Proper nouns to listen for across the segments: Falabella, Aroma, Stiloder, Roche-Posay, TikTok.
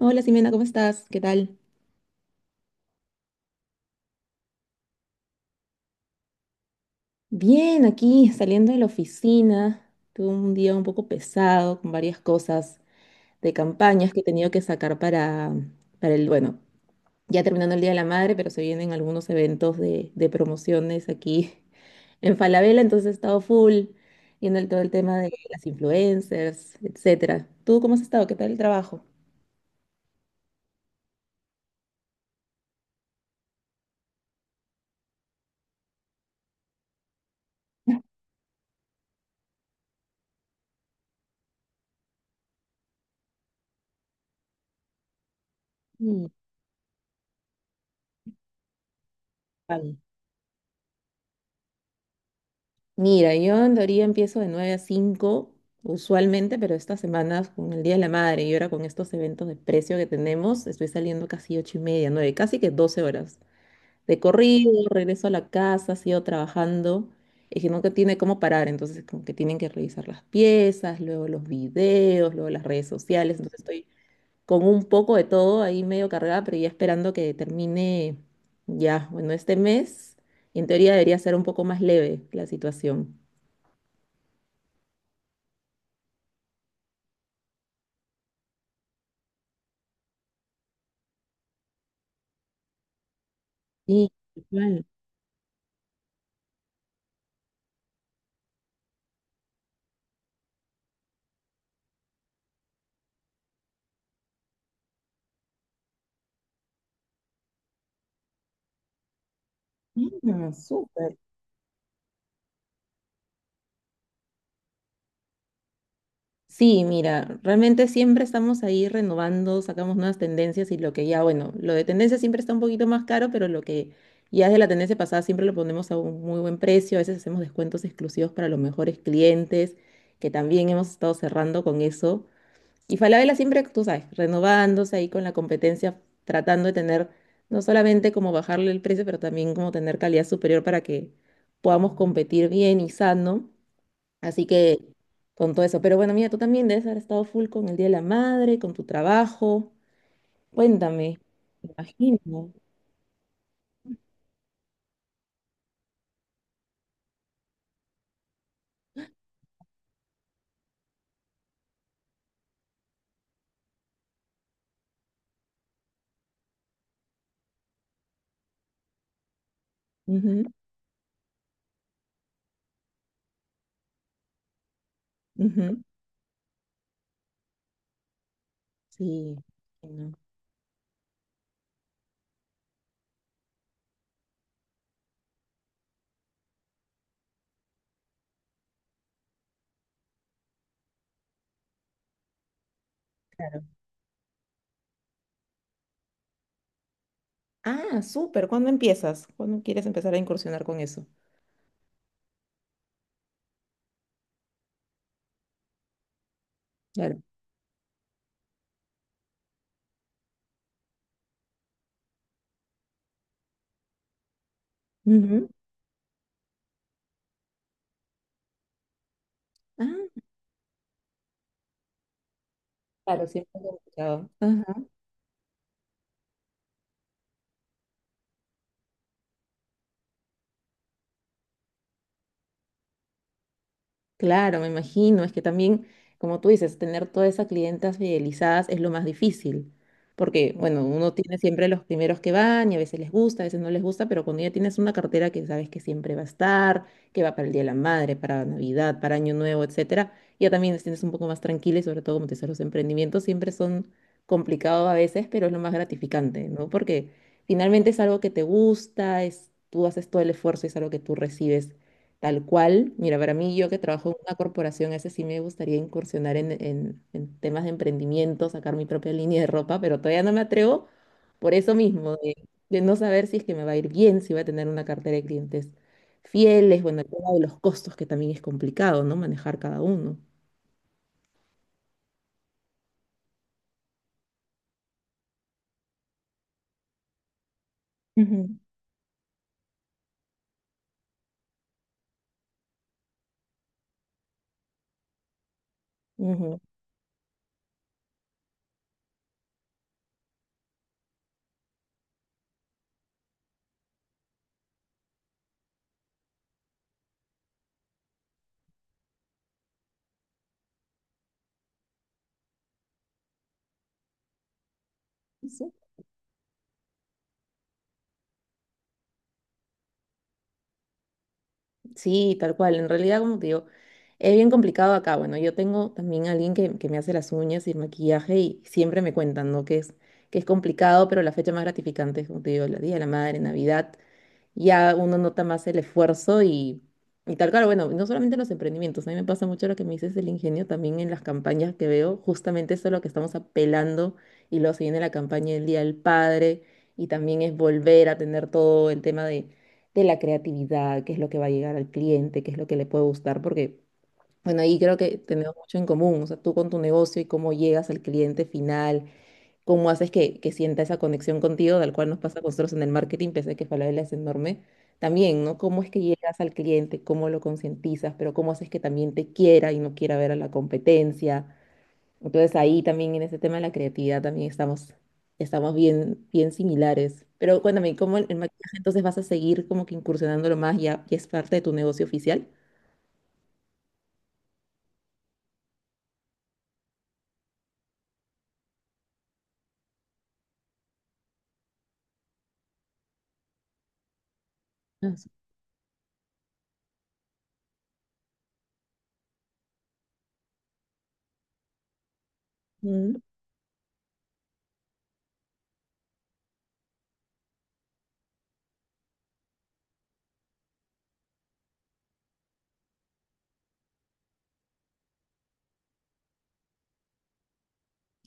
Hola Simena, ¿cómo estás? ¿Qué tal? Bien, aquí saliendo de la oficina. Tuve un día un poco pesado con varias cosas de campañas que he tenido que sacar para el, bueno, ya terminando el Día de la Madre, pero se vienen algunos eventos de promociones aquí en Falabella, entonces he estado full viendo todo el tema de las influencers, etcétera. ¿Tú cómo has estado? ¿Qué tal el trabajo? Mm, vale. Mira, yo en teoría empiezo de 9 a 5 usualmente, pero estas semanas con el Día de la Madre y ahora con estos eventos de precio que tenemos, estoy saliendo casi 8 y media, 9, casi que 12 horas de corrido, regreso a la casa, sigo trabajando, es que nunca tiene cómo parar, entonces como que tienen que revisar las piezas, luego los videos, luego las redes sociales, entonces estoy con un poco de todo ahí medio cargada, pero ya esperando que termine ya, bueno, este mes, en teoría debería ser un poco más leve la situación. Sí, claro. Mm, súper. Sí, mira, realmente siempre estamos ahí renovando, sacamos nuevas tendencias y lo que ya, bueno, lo de tendencia siempre está un poquito más caro, pero lo que ya es de la tendencia pasada siempre lo ponemos a un muy buen precio. A veces hacemos descuentos exclusivos para los mejores clientes, que también hemos estado cerrando con eso. Y Falabella siempre, tú sabes, renovándose ahí con la competencia, tratando de tener no solamente como bajarle el precio, pero también como tener calidad superior para que podamos competir bien y sano. Así que con todo eso. Pero bueno, mira, tú también debes haber estado full con el Día de la Madre, con tu trabajo. Cuéntame. Me imagino. Ujú, ujú. Sí, no. Claro. Ah, súper. ¿Cuándo empiezas? ¿Cuándo quieres empezar a incursionar con eso? Claro. Ujú. Ah, claro, siempre lo he escuchado. Claro, me imagino, es que también, como tú dices, tener todas esas clientas fidelizadas es lo más difícil, porque, bueno, uno tiene siempre los primeros que van y a veces les gusta, a veces no les gusta, pero cuando ya tienes una cartera que sabes que siempre va a estar, que va para el Día de la Madre, para Navidad, para Año Nuevo, etcétera, ya también te sientes un poco más tranquila y sobre todo como te decía, los emprendimientos siempre son complicados a veces, pero es lo más gratificante, ¿no? Porque finalmente es algo que te gusta, es, tú haces todo el esfuerzo y es algo que tú recibes. Tal cual, mira, para mí yo que trabajo en una corporación, ese sí me gustaría incursionar en temas de emprendimiento, sacar mi propia línea de ropa, pero todavía no me atrevo por eso mismo, de no saber si es que me va a ir bien, si voy a tener una cartera de clientes fieles, bueno, el tema de los costos que también es complicado, ¿no? Manejar cada uno. Ujú. Ujú. Sí, tal cual. En realidad, como te digo, es bien complicado acá. Bueno, yo tengo también a alguien que me hace las uñas y el maquillaje y siempre me cuentan, ¿no? Que es complicado, pero la fecha más gratificante es, como te digo, el Día de la Madre, Navidad, ya uno nota más el esfuerzo y tal. Claro, bueno, no solamente en los emprendimientos, a mí me pasa mucho lo que me dices del ingenio, también en las campañas que veo, justamente eso es lo que estamos apelando y luego se viene la campaña del Día del Padre y también es volver a tener todo el tema de la creatividad, qué es lo que va a llegar al cliente, qué es lo que le puede gustar, porque... Bueno, ahí creo que tenemos mucho en común, o sea, tú con tu negocio y cómo llegas al cliente final, cómo haces que sienta esa conexión contigo, tal cual nos pasa a nosotros en el marketing, pese a que Falabella es enorme. También, ¿no? Cómo es que llegas al cliente, cómo lo concientizas, pero cómo haces que también te quiera y no quiera ver a la competencia. Entonces ahí también en ese tema de la creatividad también estamos, estamos bien, bien similares. Pero cuéntame, ¿cómo el maquillaje entonces vas a seguir como que incursionándolo más? ¿Ya es parte de tu negocio oficial? Ah, sí. Mm,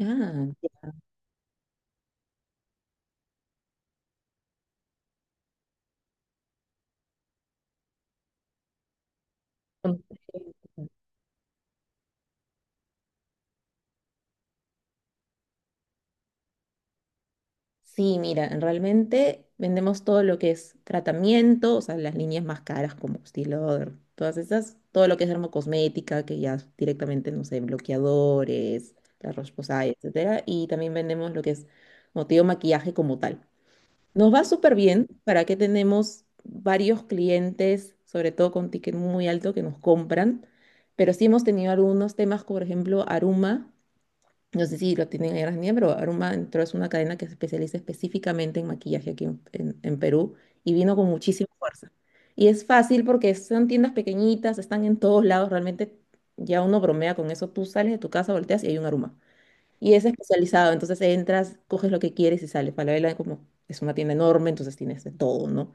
ah, ya. Sí, mira, realmente vendemos todo lo que es tratamiento, o sea, las líneas más caras como Stiloder, todas esas, todo lo que es dermocosmética, que ya es directamente, no sé, bloqueadores, la Roche-Posay, etcétera, y también vendemos lo que es motivo maquillaje como tal. Nos va súper bien, para que tenemos varios clientes, sobre todo con ticket muy alto, que nos compran, pero sí hemos tenido algunos temas, como por ejemplo, Aruma, no sé si lo tienen en Argentina, pero Aroma entró, es una cadena que se especializa específicamente en maquillaje aquí en Perú y vino con muchísima fuerza. Y es fácil porque son tiendas pequeñitas, están en todos lados, realmente ya uno bromea con eso. Tú sales de tu casa, volteas y hay un Aroma. Y es especializado, entonces entras, coges lo que quieres y sales. Falabella como es una tienda enorme, entonces tienes de todo, ¿no?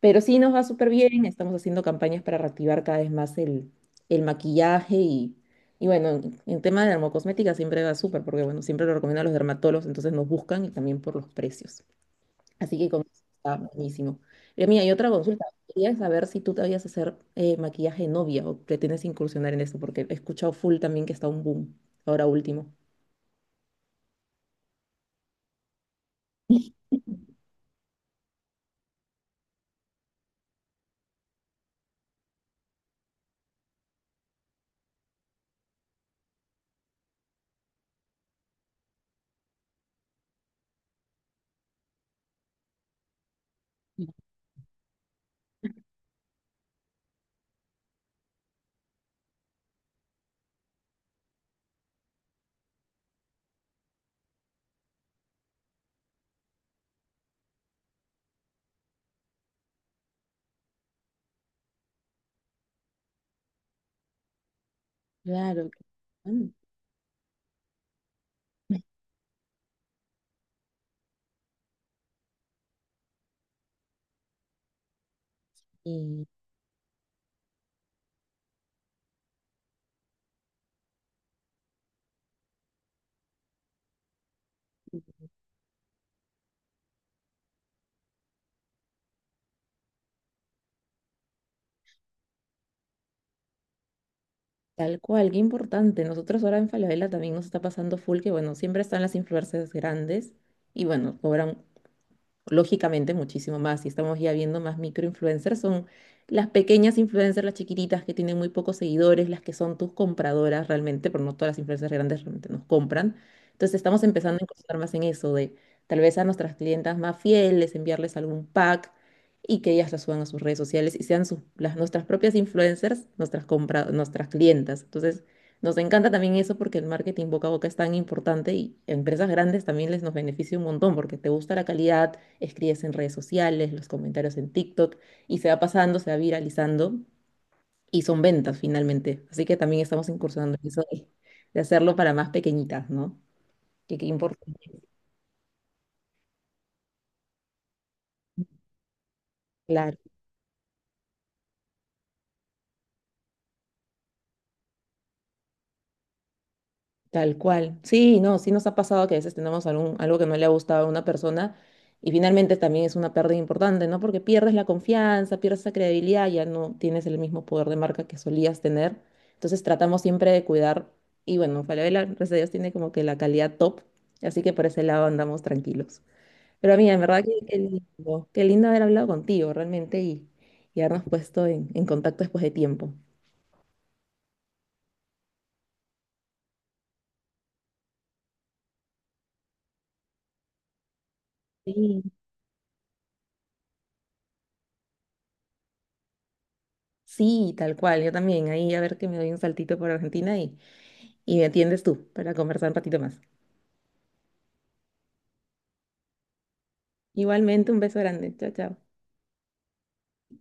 Pero sí nos va súper bien, estamos haciendo campañas para reactivar cada vez más el maquillaje y bueno, en tema de dermocosmética siempre va súper porque bueno, siempre lo recomiendo a los dermatólogos, entonces nos buscan y también por los precios. Así que con eso está buenísimo. Y mira, y otra consulta, quería saber si tú te habías hacer maquillaje de novia o pretendes incursionar en eso, porque he escuchado full también que está un boom ahora último. Claro. Que... mm. Y tal cual, qué importante. Nosotros ahora en Falabella también nos está pasando full que, bueno, siempre están las influencers grandes y, bueno, cobran lógicamente muchísimo más. Y estamos ya viendo más microinfluencers, son las pequeñas influencers, las chiquititas que tienen muy pocos seguidores, las que son tus compradoras realmente, pero no todas las influencers grandes realmente nos compran. Entonces estamos empezando a incursionar más en eso, de tal vez a nuestras clientas más fieles, enviarles algún pack y que ellas lo suban a sus redes sociales y sean las, nuestras propias influencers, nuestras clientas. Entonces, nos encanta también eso porque el marketing boca a boca es tan importante y a empresas grandes también les nos beneficia un montón porque te gusta la calidad, escribes en redes sociales, los comentarios en TikTok y se va pasando, se va viralizando y son ventas finalmente. Así que también estamos incursionando en eso de hacerlo para más pequeñitas, ¿no? Que qué importante. Claro. Tal cual. Sí, no, sí nos ha pasado que a veces tenemos algún, algo que no le ha gustado a una persona y finalmente también es una pérdida importante, ¿no? Porque pierdes la confianza, pierdes la credibilidad, ya no tienes el mismo poder de marca que solías tener. Entonces tratamos siempre de cuidar y bueno, Falabella, gracias a Dios, tiene como que la calidad top, así que por ese lado andamos tranquilos. Pero amiga, en verdad que qué lindo haber hablado contigo realmente y habernos puesto en contacto después de tiempo. Sí. Sí, tal cual, yo también. Ahí a ver que me doy un saltito por Argentina y me atiendes tú para conversar un ratito más. Igualmente, un beso grande. Chao, chao.